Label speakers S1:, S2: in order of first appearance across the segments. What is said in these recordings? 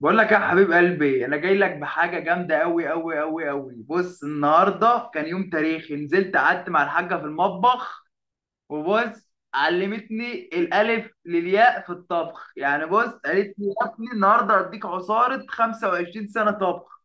S1: بقول لك يا حبيب قلبي، انا جاي لك بحاجه جامده قوي قوي قوي قوي. بص، النهارده كان يوم تاريخي، نزلت قعدت مع الحاجه في المطبخ وبص علمتني الالف للياء في الطبخ. يعني بص، قالت لي: يا ابني النهارده هديك عصاره 25 سنه طبخ.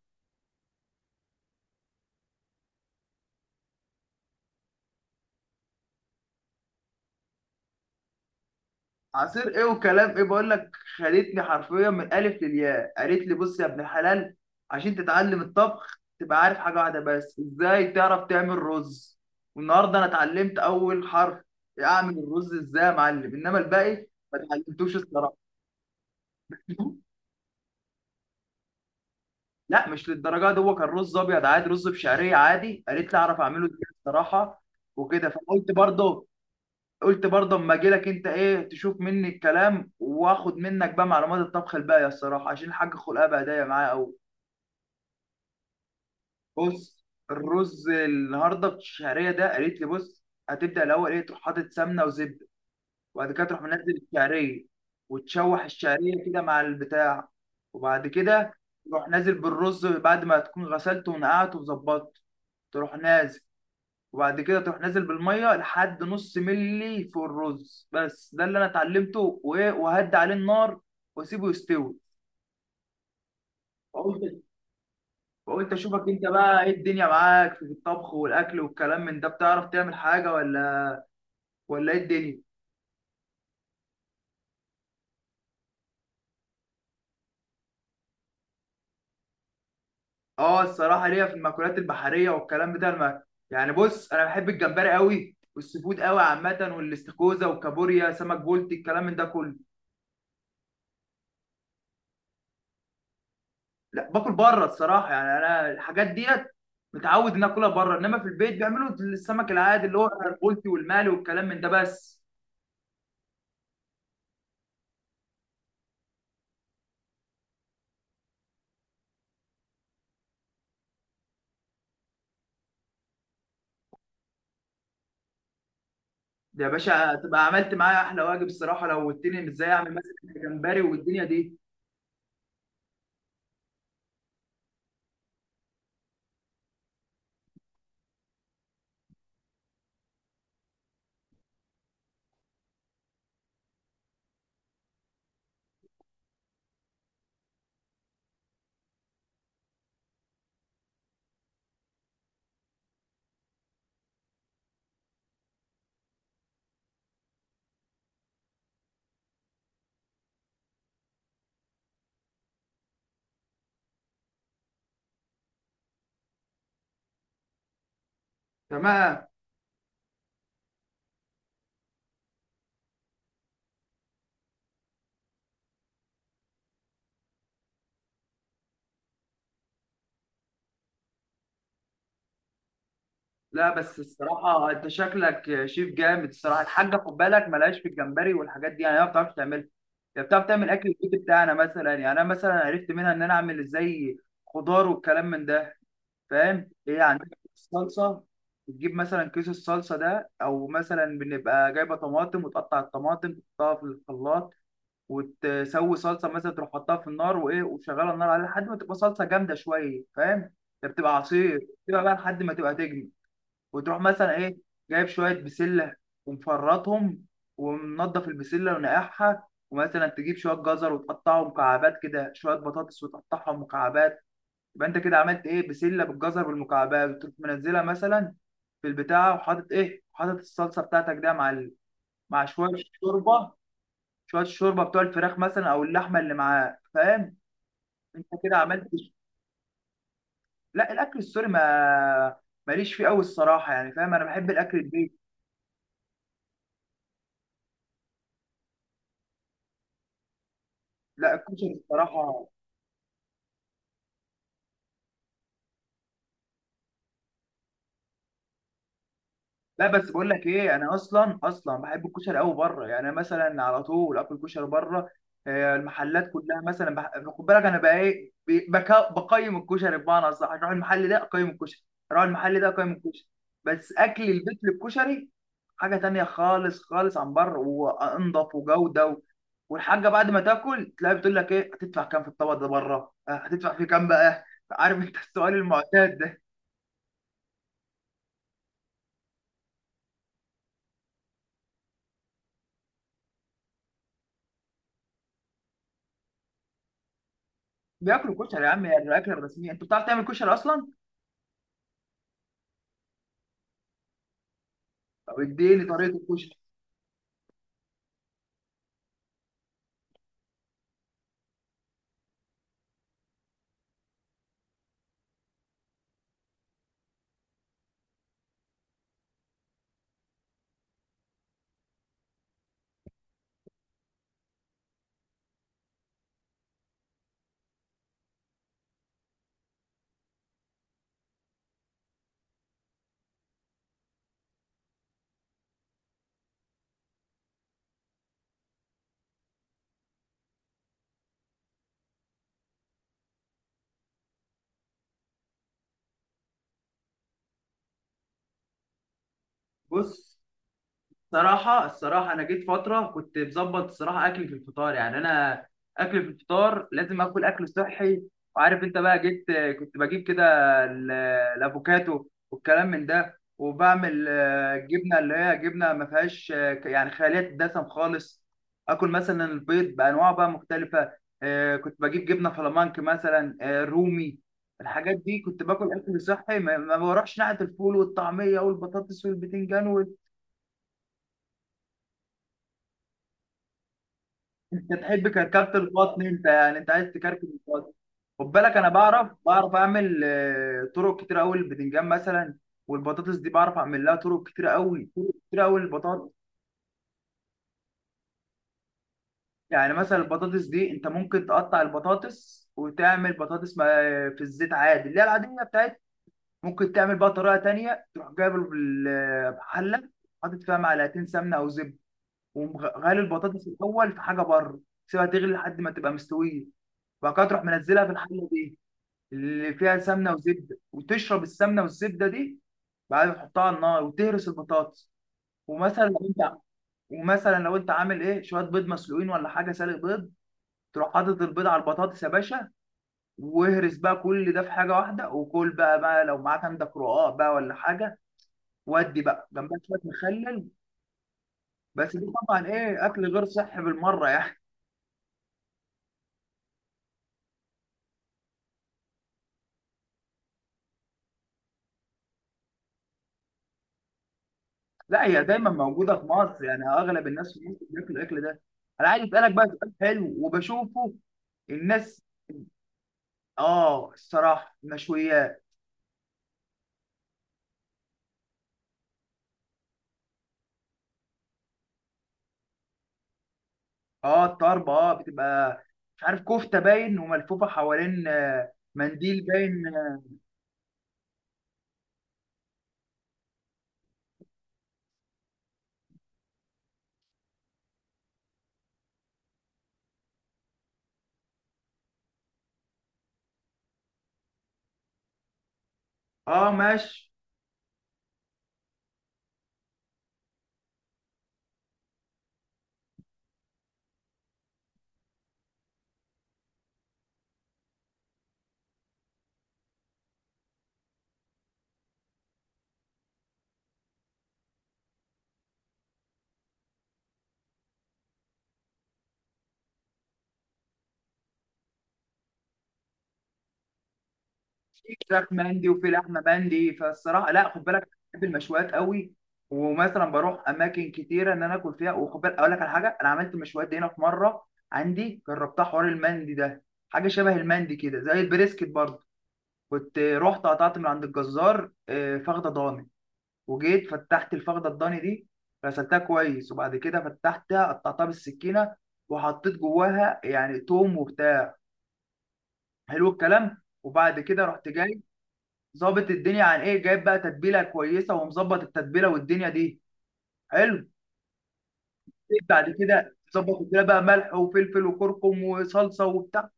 S1: عصير ايه وكلام ايه؟ بقول لك خدتني حرفيا من الالف للياء. قالت لي: بص يا ابن الحلال، عشان تتعلم الطبخ تبقى عارف حاجه واحده بس، ازاي تعرف تعمل رز. والنهارده انا اتعلمت اول حرف، اعمل الرز ازاي يا معلم، انما الباقي ما اتعلمتوش الصراحه. لا مش للدرجه دي، هو كان رز ابيض عادي، رز بشعريه عادي قالت لي اعرف اعمله ازاي الصراحه، وكده. فقلت برضه، قلت برضه: اما اجي لك انت، ايه تشوف مني الكلام واخد منك بقى معلومات الطبخ الباقيه الصراحه، عشان الحاج خلقها بهدايا معايا قوي. بص، الرز النهارده الشعريه ده قالت لي بص، هتبدا الاول ايه، تروح حاطط سمنه وزبده، وبعد كده تروح منزل الشعريه وتشوح الشعريه كده مع البتاع. وبعد كده تروح نازل بالرز بعد ما تكون غسلته ونقعته وظبطته، تروح نازل. وبعد كده تروح نازل بالميه لحد نص ملي فوق الرز. بس ده اللي انا اتعلمته، وايه، وهدي عليه النار واسيبه يستوي. فقلت فقلت اشوفك انت بقى ايه الدنيا معاك في الطبخ والاكل والكلام من ده، بتعرف تعمل حاجه ولا ولا ايه الدنيا؟ اه الصراحه ليا في المأكولات البحريه والكلام بتاع المأكل. يعني بص، انا بحب الجمبري قوي والسي فود قوي عامه، والاستاكوزا والكابوريا، سمك بولتي، الكلام من ده كله. لا باكل بره الصراحه، يعني انا الحاجات ديت متعود ان اكلها بره، انما في البيت بيعملوا السمك العادي اللي هو البلطي والمالي والكلام من ده بس. ده يا باشا تبقى عملت معايا احلى واجب الصراحه لو قلتني إن ازاي اعمل مثلا جمبري والدنيا دي. تمام. لا بس الصراحه انت شكلك شيف جامد الصراحه. الحاجه خد بالك ملهاش في الجمبري والحاجات دي، يعني هي ما بتعرفش تعملها. هي بتعرف تعمل اكل البيت بتاعنا، مثلا. يعني انا مثلا عرفت منها ان انا اعمل ازاي خضار والكلام من ده. فاهم؟ هي عندنا الصلصه بتجيب مثلا كيس الصلصه ده، او مثلا بنبقى جايبه طماطم وتقطع الطماطم تحطها في الخلاط وتسوي صلصه. مثلا تروح حطها في النار، وايه، وشغاله النار عليها لحد ما تبقى صلصه جامده شويه، فاهم؟ ده بتبقى عصير تبقى بقى لحد ما تبقى تجمد. وتروح مثلا، ايه، جايب شويه بسله ومفرطهم ومنضف البسله ونقعها، ومثلا تجيب شويه جزر وتقطعهم مكعبات كده، شويه بطاطس وتقطعهم مكعبات. يبقى انت كده عملت ايه، بسله بالجزر بالمكعبات. وتروح منزلها مثلا في البتاع، وحاطط ايه، حاطط الصلصه بتاعتك ده مع مع شويه الشوربه، شويه الشوربه بتوع الفراخ مثلا او اللحمه اللي معاه، فاهم؟ انت كده عملت. لا الاكل السوري، ما ماليش فيه قوي الصراحه، يعني فاهم، انا بحب الاكل البيت. لا الكشري الصراحه، لا بس بقول لك ايه، انا اصلا اصلا بحب الكشري قوي بره. يعني أنا مثلا على طول اكل كشري بره. المحلات كلها مثلا خد بالك، انا بقى ايه، بقيم الكشري. بمعنى صح، اروح المحل ده اقيم الكشري، اروح المحل ده اقيم الكشري. بس اكل البيت للكشري حاجه تانية خالص خالص عن بره، وانضف وجوده والحاجه. بعد ما تاكل تلاقي بتقول لك ايه هتدفع كام في الطبق ده بره، هتدفع فيه كام بقى. عارف انت السؤال المعتاد ده؟ بياكلوا كشري يا عم، يعني الاكل الرسميه. انت بتعرف تعمل كشري اصلا؟ طب اديني طريقه الكشري. بص، الصراحة الصراحة أنا جيت فترة كنت مظبط الصراحة أكلي في الفطار. يعني أنا أكلي في الفطار لازم آكل أكل صحي، وعارف أنت بقى. جيت كنت بجيب كده ال- الأفوكاتو والكلام من ده، وبعمل جبنة، اللي هي جبنة ما فيهاش، يعني خالية الدسم خالص. آكل مثلا البيض بأنواع بقى مختلفة. كنت بجيب جبنة فلامانك مثلا، رومي. الحاجات دي كنت باكل أكل صحي، ما بروحش ناحية الفول والطعمية والبطاطس والبتنجان. انت تحب كركبة البطن انت، يعني انت عايز تكركب البطن. خد بالك انا بعرف اعمل، طرق كتير قوي البتنجان مثلا، والبطاطس دي بعرف اعمل لها طرق كتير قوي، طرق كتير قوي البطاطس. يعني مثلا البطاطس دي انت ممكن تقطع البطاطس وتعمل بطاطس في الزيت عادي، اللي هي العاديه بتاعت. ممكن تعمل بقى طريقه تانية، تروح جايب حله، حاطط فيها معلقتين سمنه او زبده، ومغلي البطاطس الاول في حاجه بره. سيبها تغلي لحد ما تبقى مستويه، وبعد كده تروح منزلها في الحله دي اللي فيها سمنه وزبده، وتشرب السمنه والزبده دي. بعدين تحطها على النار وتهرس البطاطس. ومثلا لو انت ومثلا لو انت عامل ايه، شويه بيض مسلوقين ولا حاجه، سالق بيض. تروح حاطط البيض على البطاطس يا باشا، واهرس بقى كل ده في حاجه واحده، وكل بقى. بقى لو معاك عندك رقاق بقى ولا حاجه، ودي بقى جنبها شويه مخلل. بس دي طبعا ايه اكل غير صحي بالمره، يعني. لا هي دايما موجوده في مصر، يعني اغلب الناس في مصر بياكلوا الاكل ده. انا عايز اسالك بقى سؤال حلو، وبشوفه الناس. اه الصراحه المشويات. اه الطرب، اه بتبقى مش عارف كفته باين وملفوفه حوالين، منديل باين. اه ماشي. في فراخ مندي وفي لحمه مندي، فالصراحه لا خد بالك بحب المشويات قوي. ومثلا بروح اماكن كتيره ان انا اكل فيها. وخد بالك اقول لك على حاجه، انا عملت مشويات دي هنا في مره عندي، جربتها حوار المندي ده، حاجه شبه المندي كده زي البريسكت برضه. كنت رحت قطعت من عند الجزار، فخده ضاني. وجيت فتحت الفخده الضاني دي، غسلتها كويس، وبعد كده فتحتها قطعتها بالسكينه، وحطيت جواها يعني توم وبتاع، حلو الكلام. وبعد كده رحت جاي، ظابط الدنيا عن ايه، جايب بقى تتبيله كويسه، ومظبط التتبيله والدنيا دي، حلو. بعد كده ظبط التتبيله بقى، ملح وفلفل وكركم وصلصه وبتاع،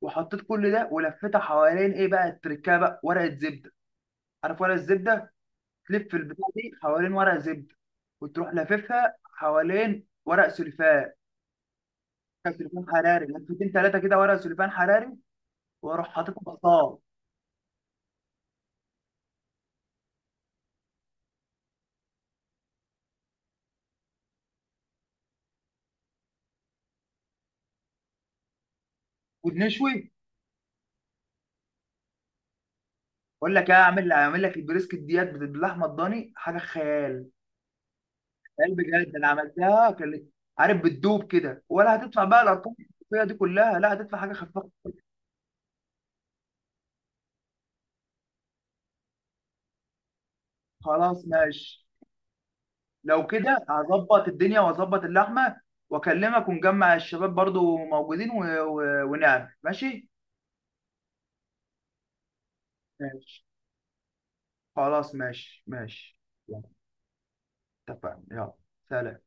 S1: وحطيت كل ده، ولفيتها حوالين ايه بقى التركه بقى، ورقه زبده. عارف ورقه الزبده، تلف البتاع دي حوالين ورقه زبده، وتروح لاففها حوالين ورق سلفان. كان سليمان حراري لفتين ثلاثه كده، ورق سليمان حراري، واروح حاططهم في الطاوله. ونشوي. اقول لك ايه، اعمل اعمل لك البريسكت ديت باللحمه الضاني، حاجه خيال، خيال بجد. انا عملتها كان، عارف، بتدوب كده. ولا هتدفع بقى الارقام الفيها دي كلها، لا هتدفع حاجه خفيفه. خلاص ماشي. لو كده هظبط الدنيا واظبط اللحمه واكلمك، ونجمع الشباب برضو موجودين ونعمل. ماشي ماشي. خلاص ماشي ماشي. يلا، اتفقنا. يلا، سلام.